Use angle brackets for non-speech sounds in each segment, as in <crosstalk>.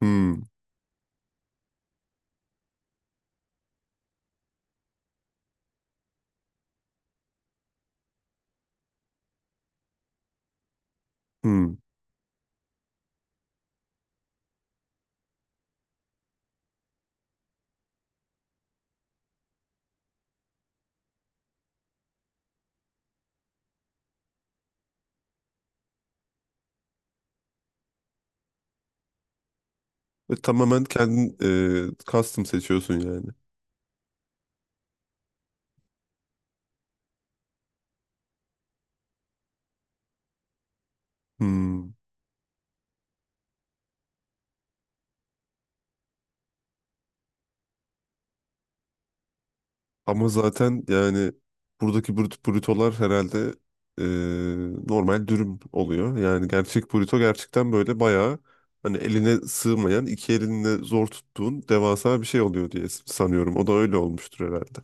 Hmm, hmm. Tamamen kendin custom seçiyorsun yani. Hmm. Ama zaten yani buradaki brutolar herhalde normal dürüm oluyor. Yani gerçek bruto gerçekten böyle bayağı hani eline sığmayan iki elinle zor tuttuğun devasa bir şey oluyor diye sanıyorum. O da öyle olmuştur herhalde.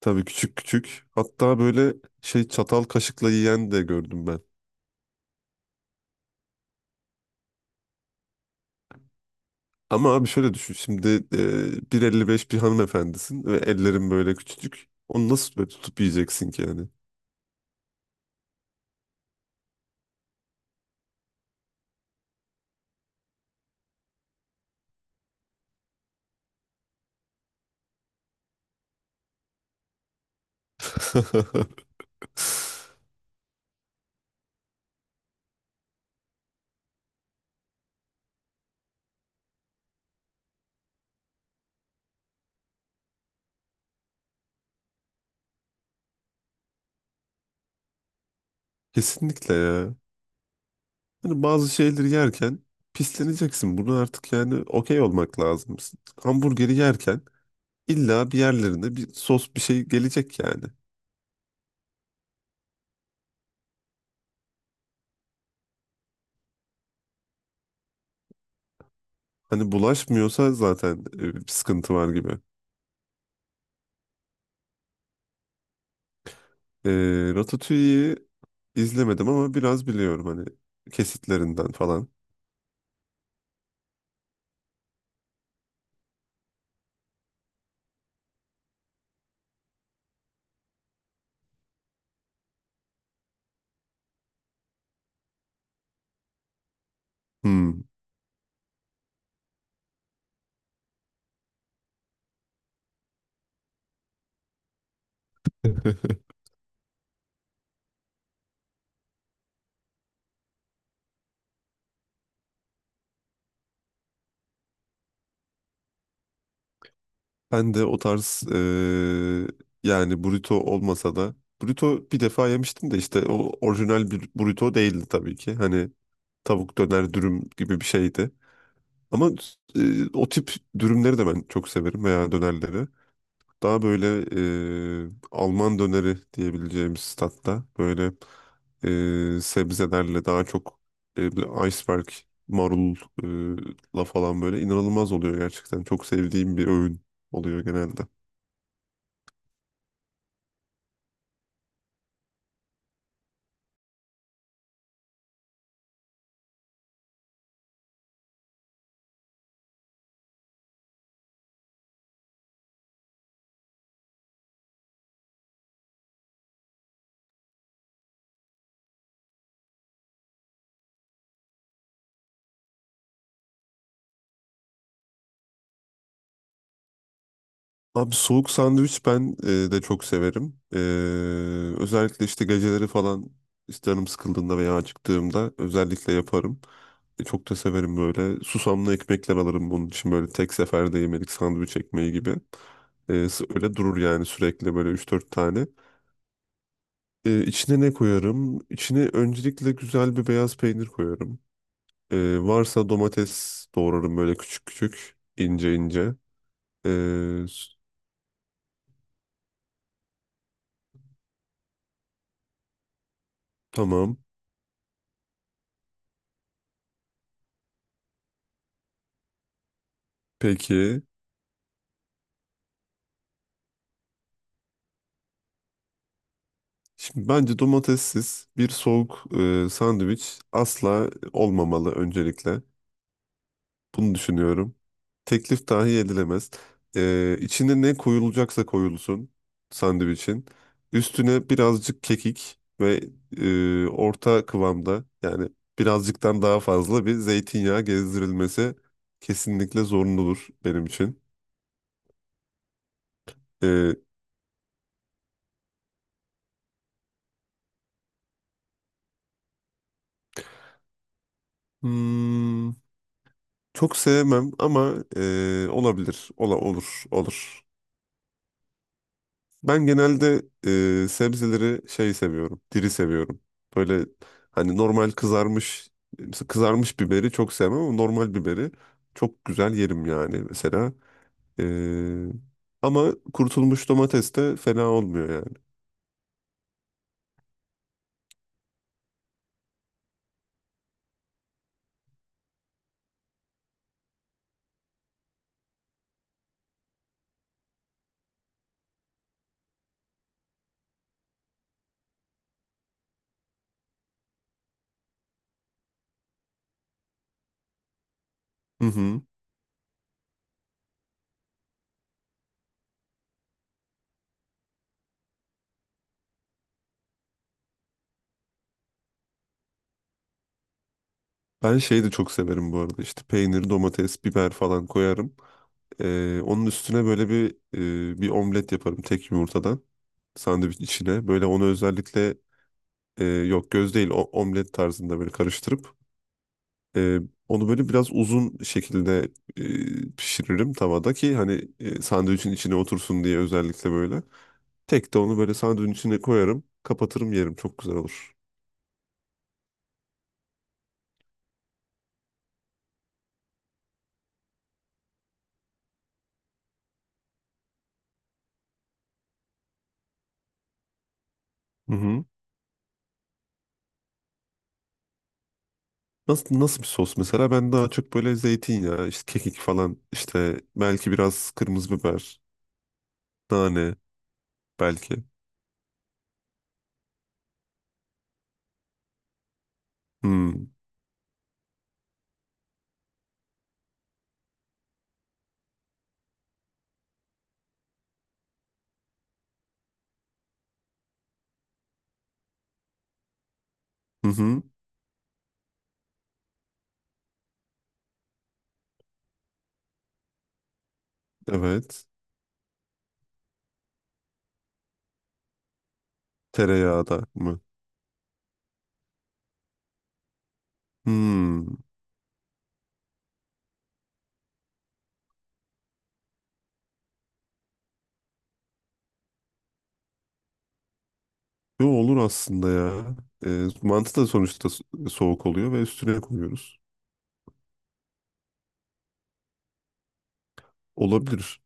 Tabii küçük küçük. Hatta böyle çatal kaşıkla yiyen de gördüm ben. Ama abi şöyle düşün şimdi 1.55 bir hanımefendisin ve ellerin böyle küçücük. Onu nasıl böyle tutup yiyeceksin ki yani? <laughs> Kesinlikle ya. Hani bazı şeyleri yerken pisleneceksin. Bunu artık yani okey olmak lazım. Hamburgeri yerken illa bir yerlerinde bir sos bir şey gelecek yani. Hani bulaşmıyorsa zaten bir sıkıntı var gibi. E, Ratatouille'yi izlemedim ama biraz biliyorum hani kesitlerinden falan. Hmm. <laughs> Ben de o tarz yani burrito olmasa da burrito bir defa yemiştim de işte o orijinal bir burrito değildi tabii ki. Hani tavuk döner dürüm gibi bir şeydi. Ama eee, o tip dürümleri de ben çok severim veya dönerleri. Daha böyle Alman döneri diyebileceğimiz tatta böyle sebzelerle daha çok böyle iceberg marulla falan böyle inanılmaz oluyor gerçekten. Çok sevdiğim bir öğün oluyor genelde. Abi soğuk sandviç ben de çok severim. Özellikle işte geceleri falan işte canım sıkıldığında veya acıktığımda özellikle yaparım. Çok da severim böyle. Susamlı ekmekler alırım bunun için böyle tek seferde yemelik sandviç ekmeği gibi. Öyle durur yani sürekli böyle 3-4 tane. İçine ne koyarım? İçine öncelikle güzel bir beyaz peynir koyarım. Varsa domates doğrarım böyle küçük küçük ince ince. E, s- tamam peki. Şimdi bence domatessiz bir soğuk sandviç asla olmamalı öncelikle. Bunu düşünüyorum. Teklif dahi edilemez. İçine ne koyulacaksa koyulsun sandviçin. Üstüne birazcık kekik ve orta kıvamda yani birazcıktan daha fazla bir zeytinyağı gezdirilmesi kesinlikle zorunludur benim için. E, hmm, çok sevmem ama olabilir. Olur, olur. Ben genelde sebzeleri şey seviyorum, diri seviyorum. Böyle hani mesela kızarmış biberi çok sevmem ama normal biberi çok güzel yerim yani mesela. E, Ama kurutulmuş domates de fena olmuyor yani. Hı hı. Ben şeyi de çok severim bu arada işte peynir, domates, biber falan koyarım. Onun üstüne böyle bir omlet yaparım tek yumurtadan sandviç içine. Böyle onu özellikle yok göz değil o, omlet tarzında böyle karıştırıp Ee, onu böyle biraz uzun şekilde pişiririm tavada ki hani sandviçin içine otursun diye özellikle böyle. Tek de onu böyle sandviçin içine koyarım, kapatırım yerim. Çok güzel olur. Hı hı. Nasıl, nasıl bir sos mesela? Ben daha çok böyle zeytinyağı, işte kekik falan, işte belki biraz kırmızı biber, nane belki. Hmm. Hı hı. Evet. Tereyağı da mı? Hmm. Yo, olur aslında ya. Mantı da sonuçta soğuk oluyor ve üstüne koyuyoruz. Olabilir.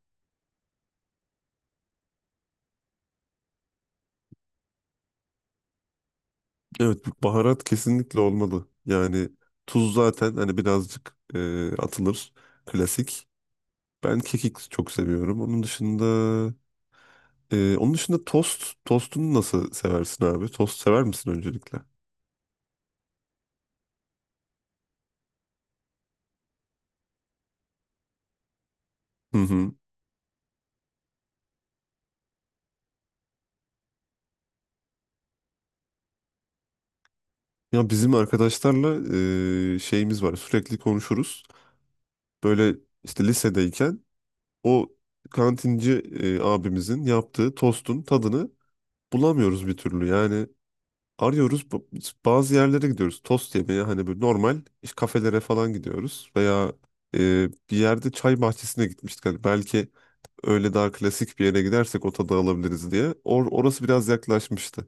Evet, bu baharat kesinlikle olmalı. Yani tuz zaten hani birazcık atılır. Klasik. Ben kekik çok seviyorum. Onun dışında tost. Tostunu nasıl seversin abi? Tost sever misin öncelikle? Hı hı. Ya bizim arkadaşlarla şeyimiz var. Sürekli konuşuruz. Böyle işte lisedeyken o kantinci abimizin yaptığı tostun tadını bulamıyoruz bir türlü. Yani arıyoruz. Bazı yerlere gidiyoruz. Tost yemeye hani böyle normal işte kafelere falan gidiyoruz. Veya bir yerde çay bahçesine gitmiştik. Hani belki öyle daha klasik bir yere gidersek o tadı alabiliriz diye. Orası biraz yaklaşmıştı.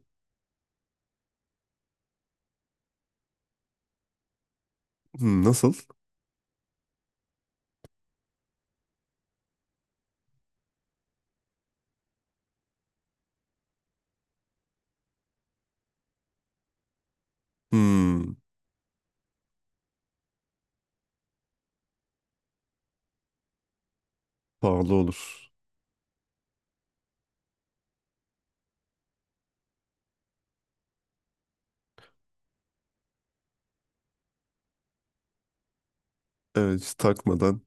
Hmm, nasıl? Hmm, pahalı olur. Evet hiç takmadan.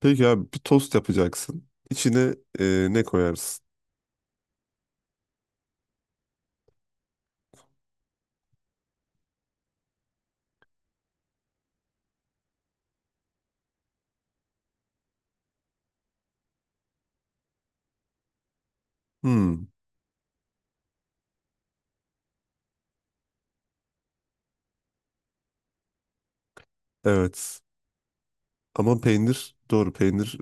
Peki abi bir tost yapacaksın. İçine ne koyarsın? Hmm, evet. Ama peynir doğru peynir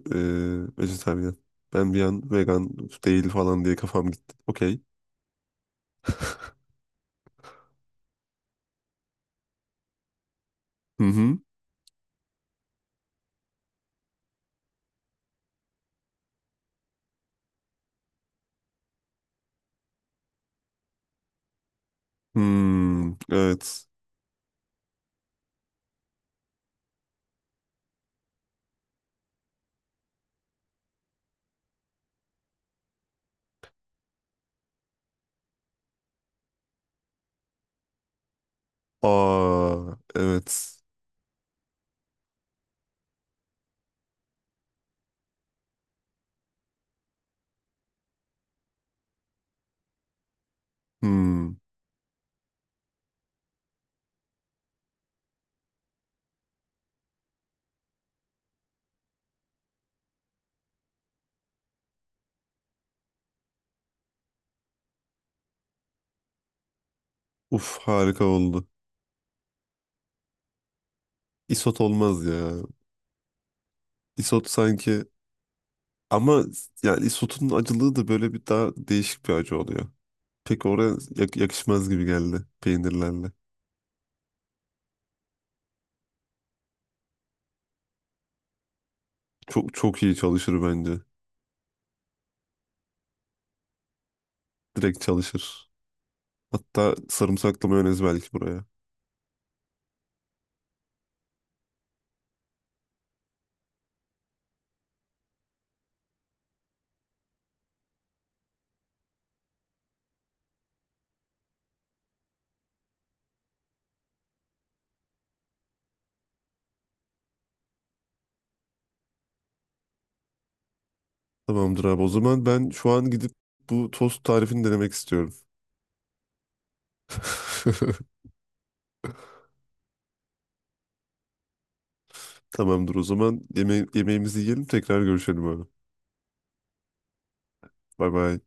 vejetaryen. Ben bir an vegan değil falan diye kafam gitti. Okey. Hı hı. Hmm, evet. Aa, evet. Hmm. Uf harika oldu. Isot olmaz ya. Isot sanki ama yani isotun acılığı da böyle bir daha değişik bir acı oluyor. Pek oraya yakışmaz gibi geldi peynirlerle. Çok çok iyi çalışır bence. Direkt çalışır. Hatta sarımsaklı mayonez belki buraya. Tamamdır abi. O zaman ben şu an gidip bu tost tarifini denemek istiyorum. <laughs> Tamamdır o zaman. Yemeğimizi yiyelim tekrar görüşelim abi. Bay bay.